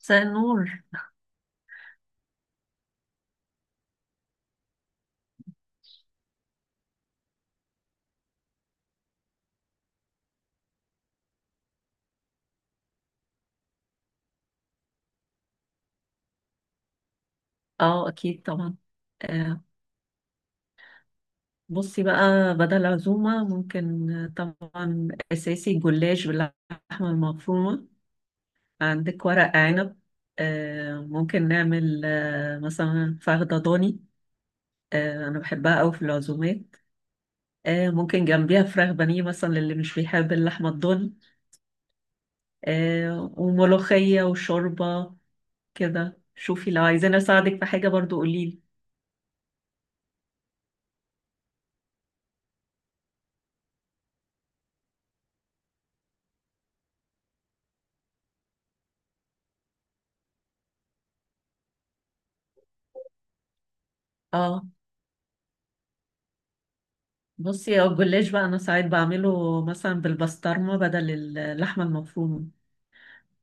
مساء النور. اه اكيد طبعا. آه بصي بقى، بدل عزومة ممكن، طبعا اساسي جلاش باللحمة المفرومة. عندك ورق عنب. ممكن نعمل مثلا فخدة ضاني. انا بحبها قوي في العزومات. ممكن جنبيها فراخ بانيه مثلا، للي مش بيحب اللحمة الضاني. وملوخية وشوربة. كده شوفي، لو عايزين اساعدك في حاجة برضو قوليلي. اه بصي، هو الجلاش بقى انا ساعات بعمله مثلا بالبسطرمه بدل اللحمه المفرومه.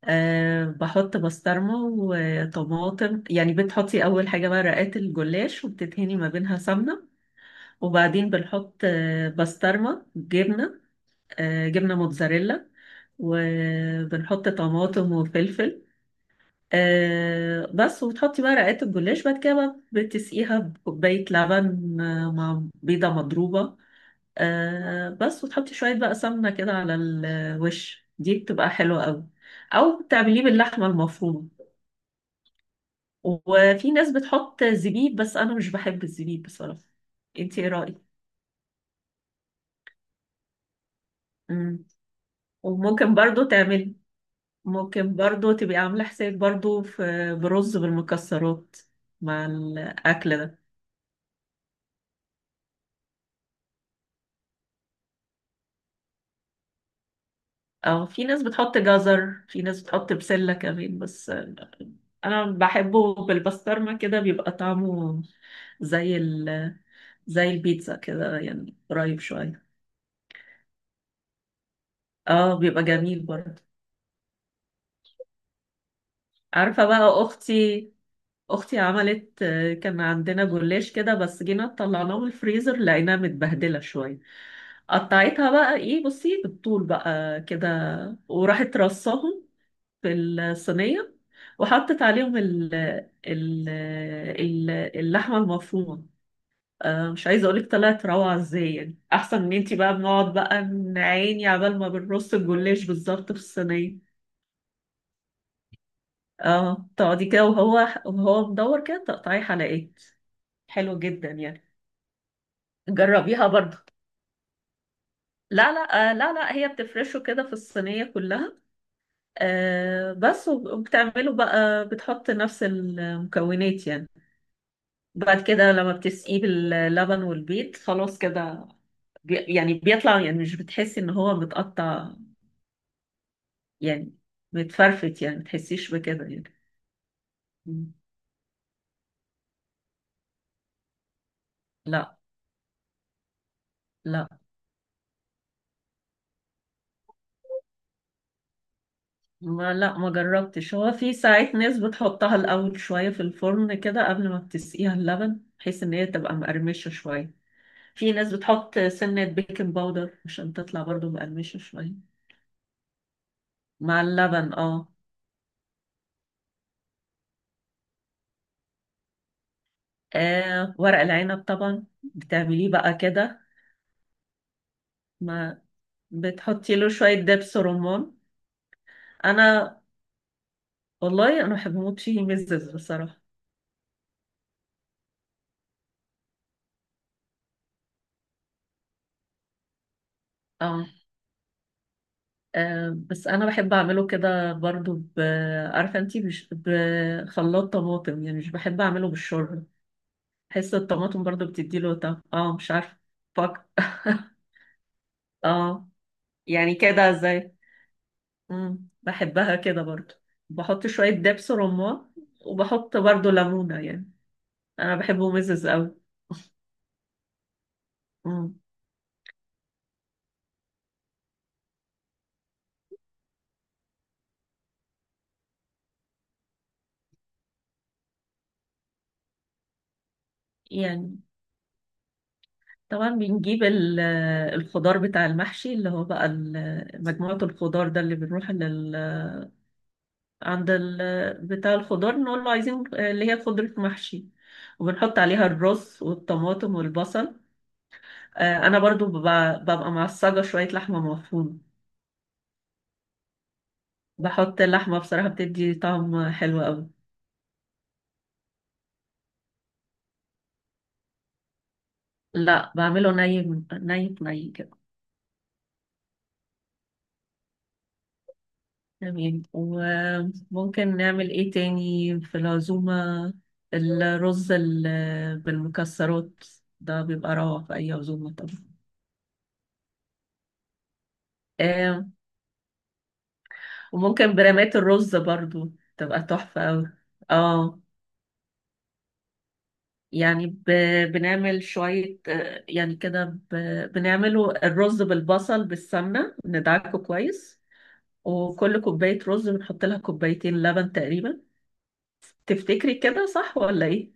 بحط بسطرمه وطماطم، يعني بتحطي اول حاجه بقى رقات الجلاش وبتدهني ما بينها سمنه، وبعدين بنحط بسطرمه، جبنه. جبنه موتزاريلا. وبنحط طماطم وفلفل. بس. وبتحطي بقى رقات الجلاش بعد كده بقى، بتسقيها بكوبايه لبن مع بيضه مضروبه. بس. وتحطي شوية بقى سمنة كده على الوش، دي بتبقى حلوة قوي. أو تعمليه باللحمة المفرومة. وفي ناس بتحط زبيب، بس أنا مش بحب الزبيب بصراحة. انتي ايه رأيك؟ مم. وممكن برضو تعملي، ممكن برضو تبقي عاملة حساب برضو في برز بالمكسرات مع الأكل ده. أو في ناس بتحط جزر، في ناس بتحط بسلة كمان. بس أنا بحبه بالبسطرمة كده، بيبقى طعمه زي زي البيتزا كده يعني، قريب شوية. اه بيبقى جميل برضه. عارفة بقى أختي، أختي عملت، كان عندنا جلاش كده، بس جينا طلعناه من الفريزر لقيناها متبهدلة شوية. قطعتها بقى ايه، بصي بالطول بقى كده، وراحت رصاهم في الصينية، وحطت عليهم ال ال- اللحمة المفرومة. مش عايزه اقولك طلعت روعه ازاي، يعني احسن من، انتي بقى بنقعد بقى نعاني عبال ما بنرص الجلاش بالظبط في الصينيه. اه تقعدي كده، وهو وهو مدور كده تقطعي حلقات. حلو جدا يعني. جربيها برضه. لا لا، لا لا، هي بتفرشه كده في الصينيه كلها. بس وبتعمله بقى، بتحط نفس المكونات يعني. بعد كده لما بتسقيه باللبن والبيض خلاص كده. يعني بيطلع، يعني مش بتحسي ان هو متقطع يعني. متفرفت يعني، متحسيش بكده يعني. مم. لا. لا ما جربتش. هو في ساعات ناس بتحطها الأول شوية في الفرن كده قبل ما بتسقيها اللبن، بحيث إن هي تبقى مقرمشة شوية. في ناس بتحط سنة بيكنج باودر عشان تطلع برضو مقرمشة شوية. مع اللبن اه. ورق العنب طبعا بتعمليه بقى كده. ما بتحطي له شوية دبس رمان. أنا، والله أنا بحب أموت فيه مزز بصراحة. اه بس انا بحب اعمله كده برضو عارفه انتي، بخلاط طماطم يعني. مش بحب اعمله بالشوربه. بحس الطماطم برضو بتديله طعم، اه مش عارفه. فك اه يعني كده زي، مم. بحبها كده برضو. بحط شويه دبس رمان، وبحط برضو ليمونه يعني. انا بحبه مزز قوي. مم. يعني طبعا بنجيب الخضار بتاع المحشي، اللي هو بقى مجموعه الخضار ده، اللي بنروح لل، عند بتاع الخضار، نقول له عايزين، اللي هي خضرة محشي. وبنحط عليها الرز والطماطم والبصل. انا برضو ببقى معصجة شوية لحمة مفرومة. بحط اللحمة بصراحة بتدي طعم حلو قوي. لا بعمله ني من- ني ني كده. تمام. وممكن نعمل ايه تاني في العزومة. الرز بالمكسرات ده بيبقى روعة في أي عزومة. طبعا. وممكن برامات الرز برضو تبقى تحفة أوي. اه يعني بنعمل شوية، يعني كده بنعمله الرز بالبصل بالسمنة، ندعكه كويس. وكل كوباية رز بنحط لها كوبايتين لبن تقريبا. تفتكري كده صح ولا ايه؟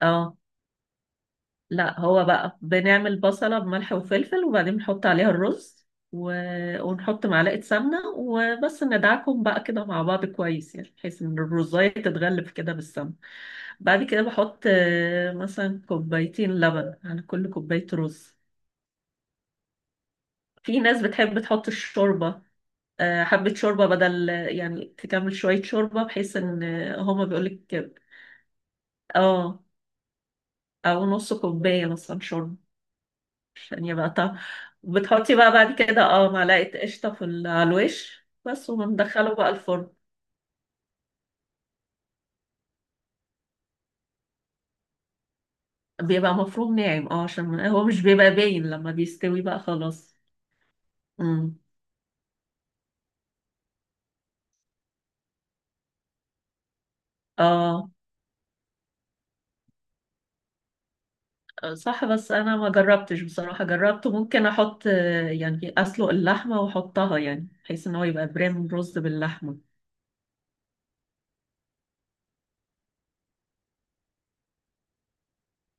اه لا، هو بقى بنعمل بصلة بملح وفلفل، وبعدين بنحط عليها الرز، و... ونحط معلقة سمنة وبس، ندعكم بقى كده مع بعض كويس يعني، بحيث ان الرزاية تتغلف كده بالسمنة. بعد كده بحط مثلا كوبايتين لبن على كل كوباية رز. في ناس بتحب تحط الشوربة، حبة شوربة بدل، يعني تكمل شوية شوربة بحيث ان، هما بيقولك اه، او نص كوباية مثلا شوربة، عشان يبقى طعم. بتحطي بقى بعد كده اه معلقة قشطة في على الوش بس، ومندخله بقى الفرن. بيبقى مفروم ناعم اه، عشان هو مش بيبقى باين لما بيستوي بقى خلاص. امم. اه صح، بس انا ما جربتش بصراحة. جربت ممكن احط، يعني اسلق اللحمة واحطها، يعني بحيث ان هو يبقى بريم رز باللحمة.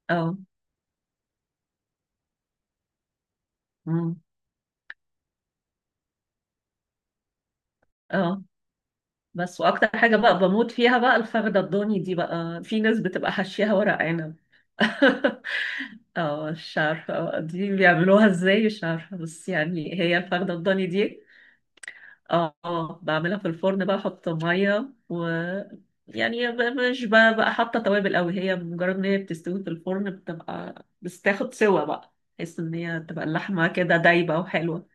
اه. امم. اه بس، واكتر حاجة بقى بموت فيها بقى الفخدة الضاني دي، بقى في ناس بتبقى حشيها ورق عنب. اه مش عارفة بقى دي بيعملوها ازاي، مش عارفة، بس يعني هي الفخدة الضاني دي. اه بعملها في الفرن بقى، احط مية و، مش بقى حاطة توابل قوي، هي مجرد ان هي بتستوي في الفرن بتبقى بس تاخد سوا بقى، بحيث ان هي تبقى اللحمة كده دايبة وحلوة.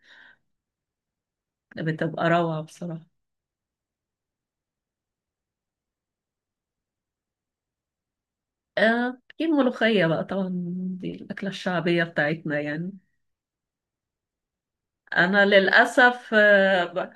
بتبقى روعة بصراحة. في الملوخية بقى طبعا، دي الأكلة الشعبية بتاعتنا يعني. أنا للأسف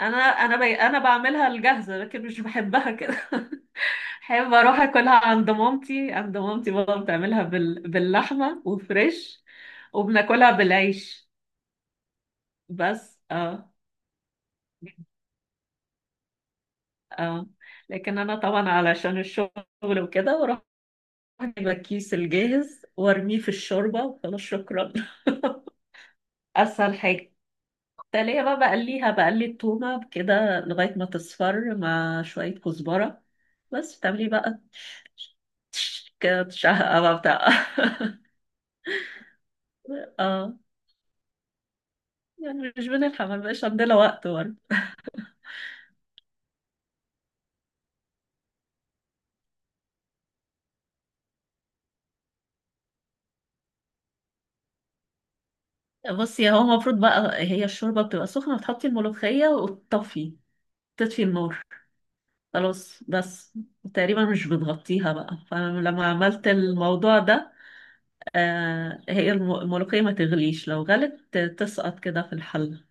أنا بعملها الجاهزة، لكن مش بحبها كده بحب أروح أكلها عند مامتي، عند مامتي بابا بتعملها باللحمة وفريش. وبناكلها بالعيش. بس اه. اه لكن أنا طبعا علشان الشغل وكده بروح أجيب الكيس الجاهز وأرميه في الشوربة وخلاص شكرا. أسهل حاجة. تلاقيها بقى بقليها، بقلي التومة كده لغاية ما تصفر مع شوية كزبرة. بس بتعملي بقى كده تشهقة بقى بتاع اه يعني مش بنلحق، ما بقاش عندنا وقت برضه. بصي، هو المفروض بقى هي الشوربة بتبقى سخنة، بتحطي الملوخية وتطفي، تطفي النار خلاص بس. تقريبا مش بتغطيها بقى، فلما عملت الموضوع ده، آه هي الملوخية ما تغليش، لو غلت تسقط كده في الحل.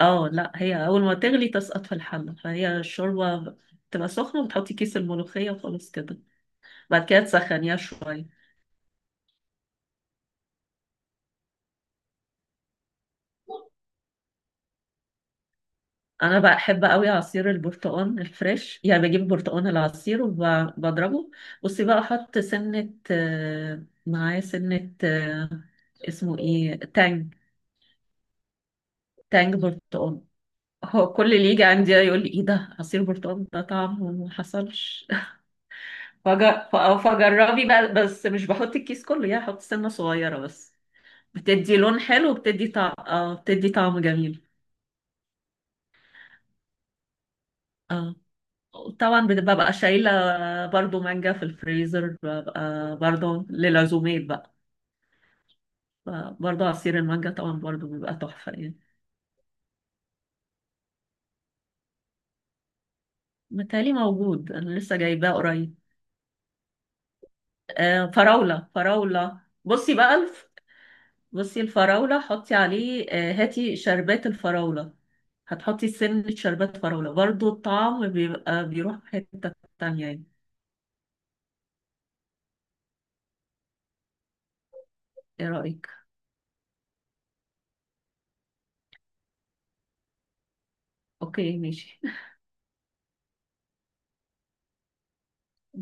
اه لا هي اول ما تغلي تسقط في الحله، فهي الشوربه تبقى سخنه وتحطي كيس الملوخيه وخلاص كده. بعد كده تسخنيها شويه. انا بحب قوي عصير البرتقال الفريش، يعني بجيب برتقال العصير وبضربه. بصي بقى احط سنه معاه سنه اسمه ايه، تانج. تانج برتقال. هو كل اللي يجي عندي يقول لي ايه ده، عصير برتقال ده طعمه ما حصلش. فج- ف- فجربي بقى، بس مش بحط الكيس كله، يعني احط سنه صغيره بس. بتدي لون حلو وبتدي طعم، اه بتدي طعم جميل. اه طبعا ببقى شايلة برضو مانجا في الفريزر، ببقى برضو للعزومات بقى. برضو عصير المانجا طبعا برضو بيبقى تحفة يعني. متهيألي موجود، أنا لسه جايباه قريب. آه فراولة، فراولة بصي بقى بصي الفراولة، حطي عليه آه، هاتي شربات الفراولة. هتحطي سنة شربات فراولة، برضو الطعم بيبقى بيروح في حتة تانية يعني. ايه رأيك؟ اوكي ماشي.